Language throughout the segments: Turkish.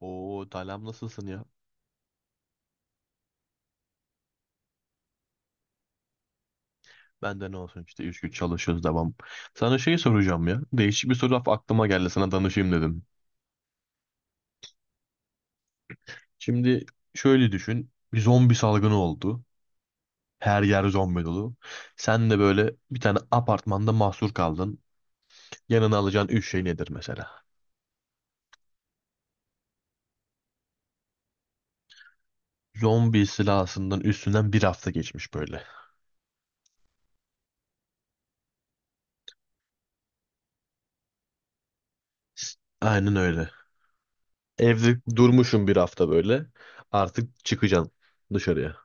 Oo Talam, nasılsın ya? Ben de ne olsun işte 3 gün çalışıyoruz, devam. Sana şey soracağım ya. Değişik bir soru aklıma geldi, sana danışayım dedim. Şimdi şöyle düşün. Bir zombi salgını oldu. Her yer zombi dolu. Sen de böyle bir tane apartmanda mahsur kaldın. Yanına alacağın üç şey nedir mesela? Zombi silahsından üstünden bir hafta geçmiş böyle. S- Aynen öyle. Evde durmuşum bir hafta böyle. Artık çıkacaksın dışarıya.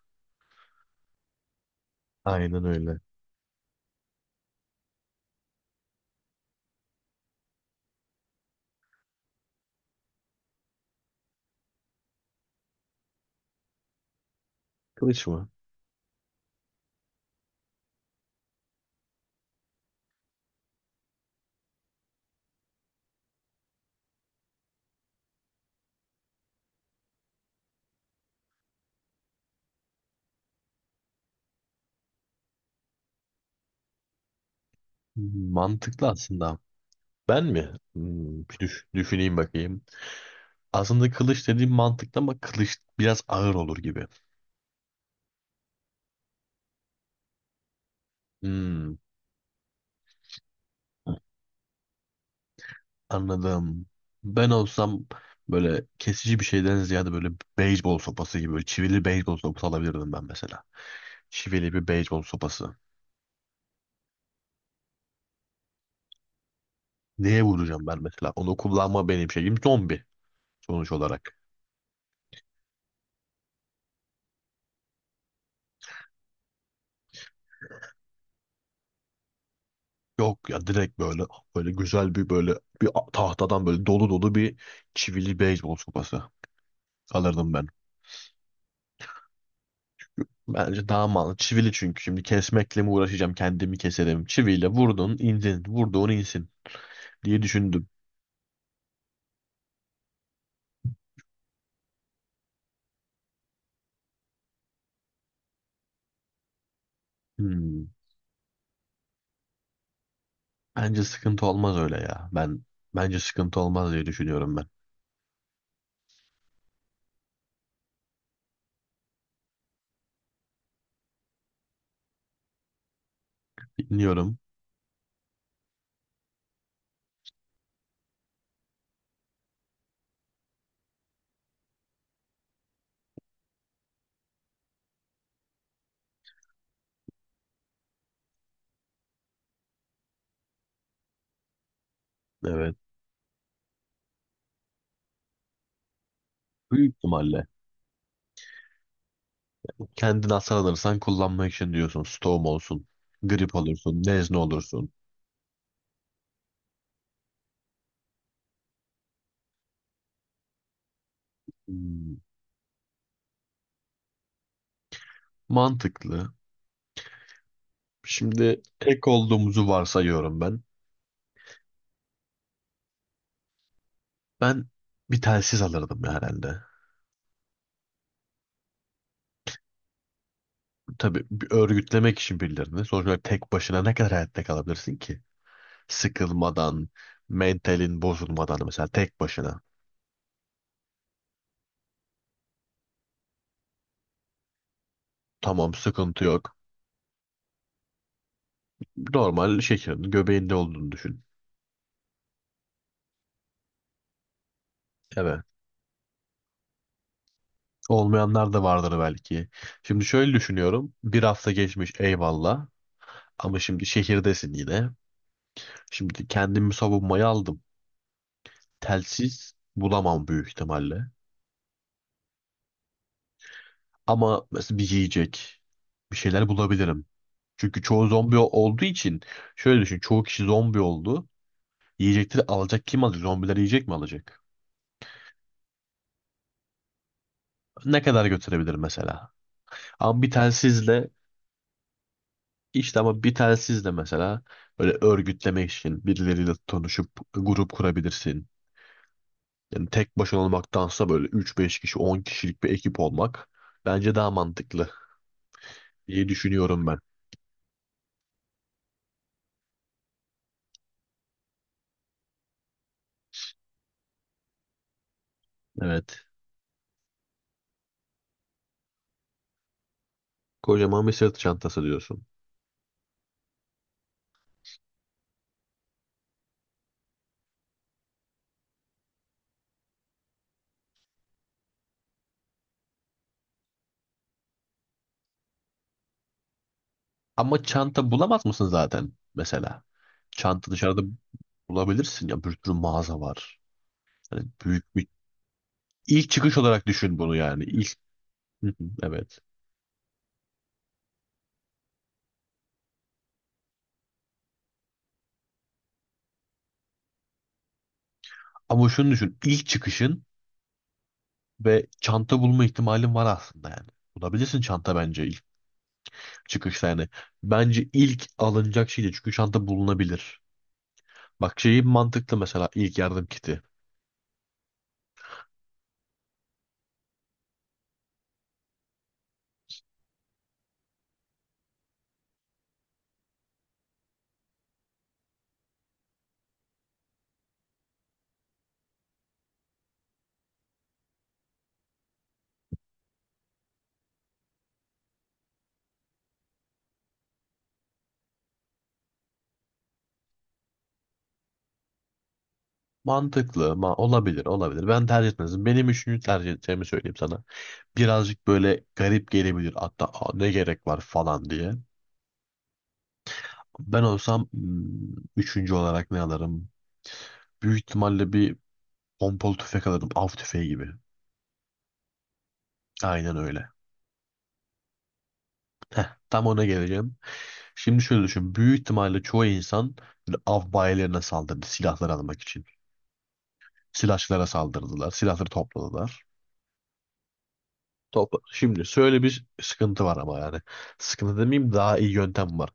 Aynen öyle. Kılıç mı? Mantıklı aslında. Ben mi? Hmm. Bir düşüneyim bakayım. Aslında kılıç dediğim mantıklı ama kılıç biraz ağır olur gibi. Hmm, anladım. Ben olsam böyle kesici bir şeyden ziyade böyle beyzbol sopası gibi, böyle çivili beyzbol sopası alabilirdim ben mesela. Çivili bir beyzbol sopası. Neye vuracağım ben mesela? Onu kullanma, benim şeyim zombi sonuç olarak. Yok ya, direkt böyle güzel bir, böyle bir tahtadan böyle dolu dolu bir çivili beyzbol sopası alırdım ben. Bence daha mal. Çivili çünkü. Şimdi kesmekle mi uğraşacağım? Kendimi keserim. Çiviyle vurdun, indin. Vurduğun insin diye düşündüm. Hmm. Bence sıkıntı olmaz öyle ya. Ben, bence sıkıntı olmaz diye düşünüyorum ben. Dinliyorum. Evet. Büyük ihtimalle. Kendin hastalanırsan kullanmak için diyorsun. Stoğum olsun. Grip olursun. Nezle olursun. Hmm. Mantıklı. Şimdi ek olduğumuzu varsayıyorum ben. Ben bir telsiz alırdım ya, herhalde. Tabii, bir örgütlemek için birilerini. Sonuç olarak tek başına ne kadar hayatta kalabilirsin ki? Sıkılmadan, mentalin bozulmadan mesela, tek başına. Tamam, sıkıntı yok. Normal şekerin göbeğinde olduğunu düşün. Evet. Olmayanlar da vardır belki. Şimdi şöyle düşünüyorum. Bir hafta geçmiş, eyvallah. Ama şimdi şehirdesin yine. Şimdi kendimi savunmaya aldım. Telsiz bulamam büyük ihtimalle. Ama mesela bir yiyecek, bir şeyler bulabilirim. Çünkü çoğu zombi olduğu için, şöyle düşün. Çoğu kişi zombi oldu. Yiyecekleri alacak kim alacak? Zombiler yiyecek mi alacak? Ne kadar götürebilir mesela? Ama bir telsizle ama bir telsizle mesela, böyle örgütlemek için birileriyle tanışıp grup kurabilirsin. Yani tek başına olmaktansa böyle üç beş kişi, 10 kişilik bir ekip olmak bence daha mantıklı diye düşünüyorum ben. Evet. Kocaman bir sırt çantası diyorsun. Ama çanta bulamaz mısın zaten mesela? Çanta dışarıda bulabilirsin ya, bir sürü mağaza var. Hani büyük bir ilk çıkış olarak düşün bunu yani. Hı hı, evet. Ama şunu düşün. İlk çıkışın ve çanta bulma ihtimalin var aslında yani. Bulabilirsin çanta bence ilk çıkışta yani. Bence ilk alınacak şey de, çünkü çanta bulunabilir. Bak, şeyi mantıklı mesela, ilk yardım kiti. Mantıklı ma, olabilir olabilir. Ben tercih etmezdim. Benim üçüncü tercih edeceğimi söyleyeyim sana. Birazcık böyle garip gelebilir. Hatta "Aa, ne gerek var" falan diye. Ben olsam üçüncü olarak ne alırım? Büyük ihtimalle bir pompalı tüfek alırım. Av tüfeği gibi. Aynen öyle. Tam ona geleceğim. Şimdi şöyle düşün. Büyük ihtimalle çoğu insan böyle av bayilerine saldırdı silahlar almak için. Silahçılara saldırdılar. Silahları topladılar. Topla. Şimdi şöyle bir sıkıntı var ama yani. Sıkıntı demeyeyim, daha iyi yöntem var.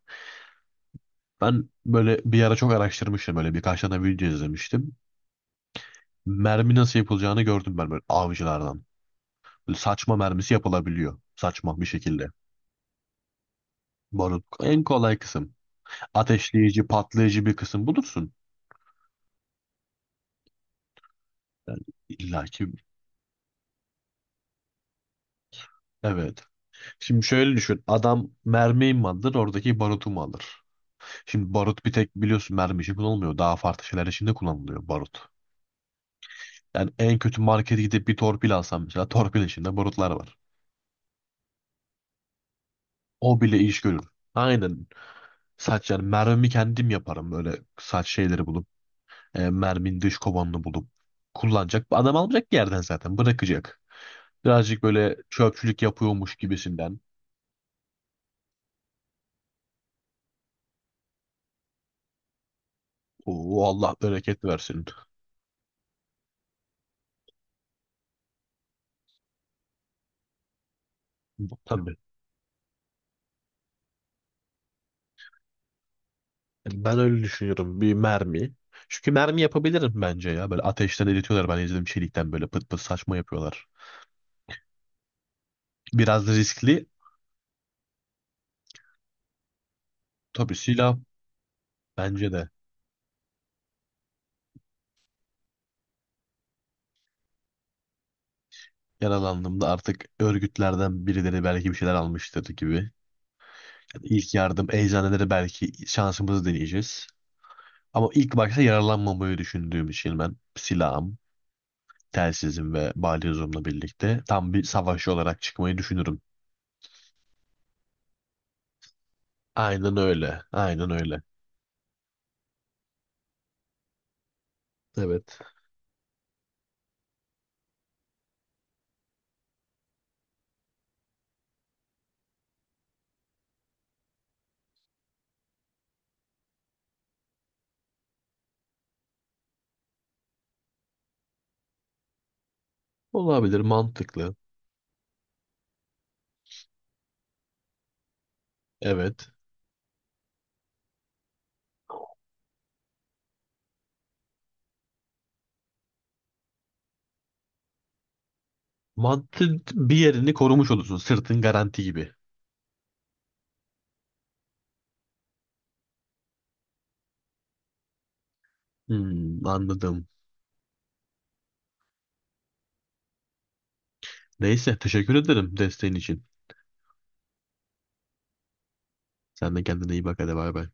Ben böyle bir ara çok araştırmıştım. Böyle birkaç tane video izlemiştim. Mermi nasıl yapılacağını gördüm ben, böyle avcılardan. Böyle saçma mermisi yapılabiliyor. Saçma bir şekilde. Barut en kolay kısım. Ateşleyici, patlayıcı bir kısım bulursun. Yani illa ki. Evet. Şimdi şöyle düşün. Adam mermiyi mi alır, oradaki barutu mu alır? Şimdi barut bir tek, biliyorsun, mermi için kullanılmıyor. Daha farklı şeyler için de kullanılıyor barut. Yani en kötü markete gidip bir torpil alsam mesela, torpilin içinde barutlar var. O bile iş görür. Aynen. Yani mermi kendim yaparım, böyle saç şeyleri bulup. Merminin dış kovanını bulup kullanacak. Adam almayacak ki, yerden zaten bırakacak. Birazcık böyle çöpçülük yapıyormuş gibisinden. Oo, Allah bereket versin. Tabii. Yani ben öyle düşünüyorum. Bir mermi. Çünkü mermi yapabilirim bence ya. Böyle ateşten eritiyorlar. Ben izledim, çelikten böyle pıt pıt saçma yapıyorlar. Biraz da riskli. Tabii silah, bence de. Yaralandığımda artık örgütlerden birileri belki bir şeyler almıştır gibi. Yani ilk yardım, eczaneleri belki, şansımızı deneyeceğiz. Ama ilk başta yaralanmamayı düşündüğüm için ben silahım, telsizim ve balyozumla birlikte tam bir savaşçı olarak çıkmayı düşünürüm. Aynen öyle. Aynen öyle. Evet. Olabilir. Mantıklı. Evet. Mantığın bir yerini korumuş olursun. Sırtın garanti gibi. Hmm, anladım. Neyse. Teşekkür ederim desteğin için. Sen de kendine iyi bak. Hadi bay bay.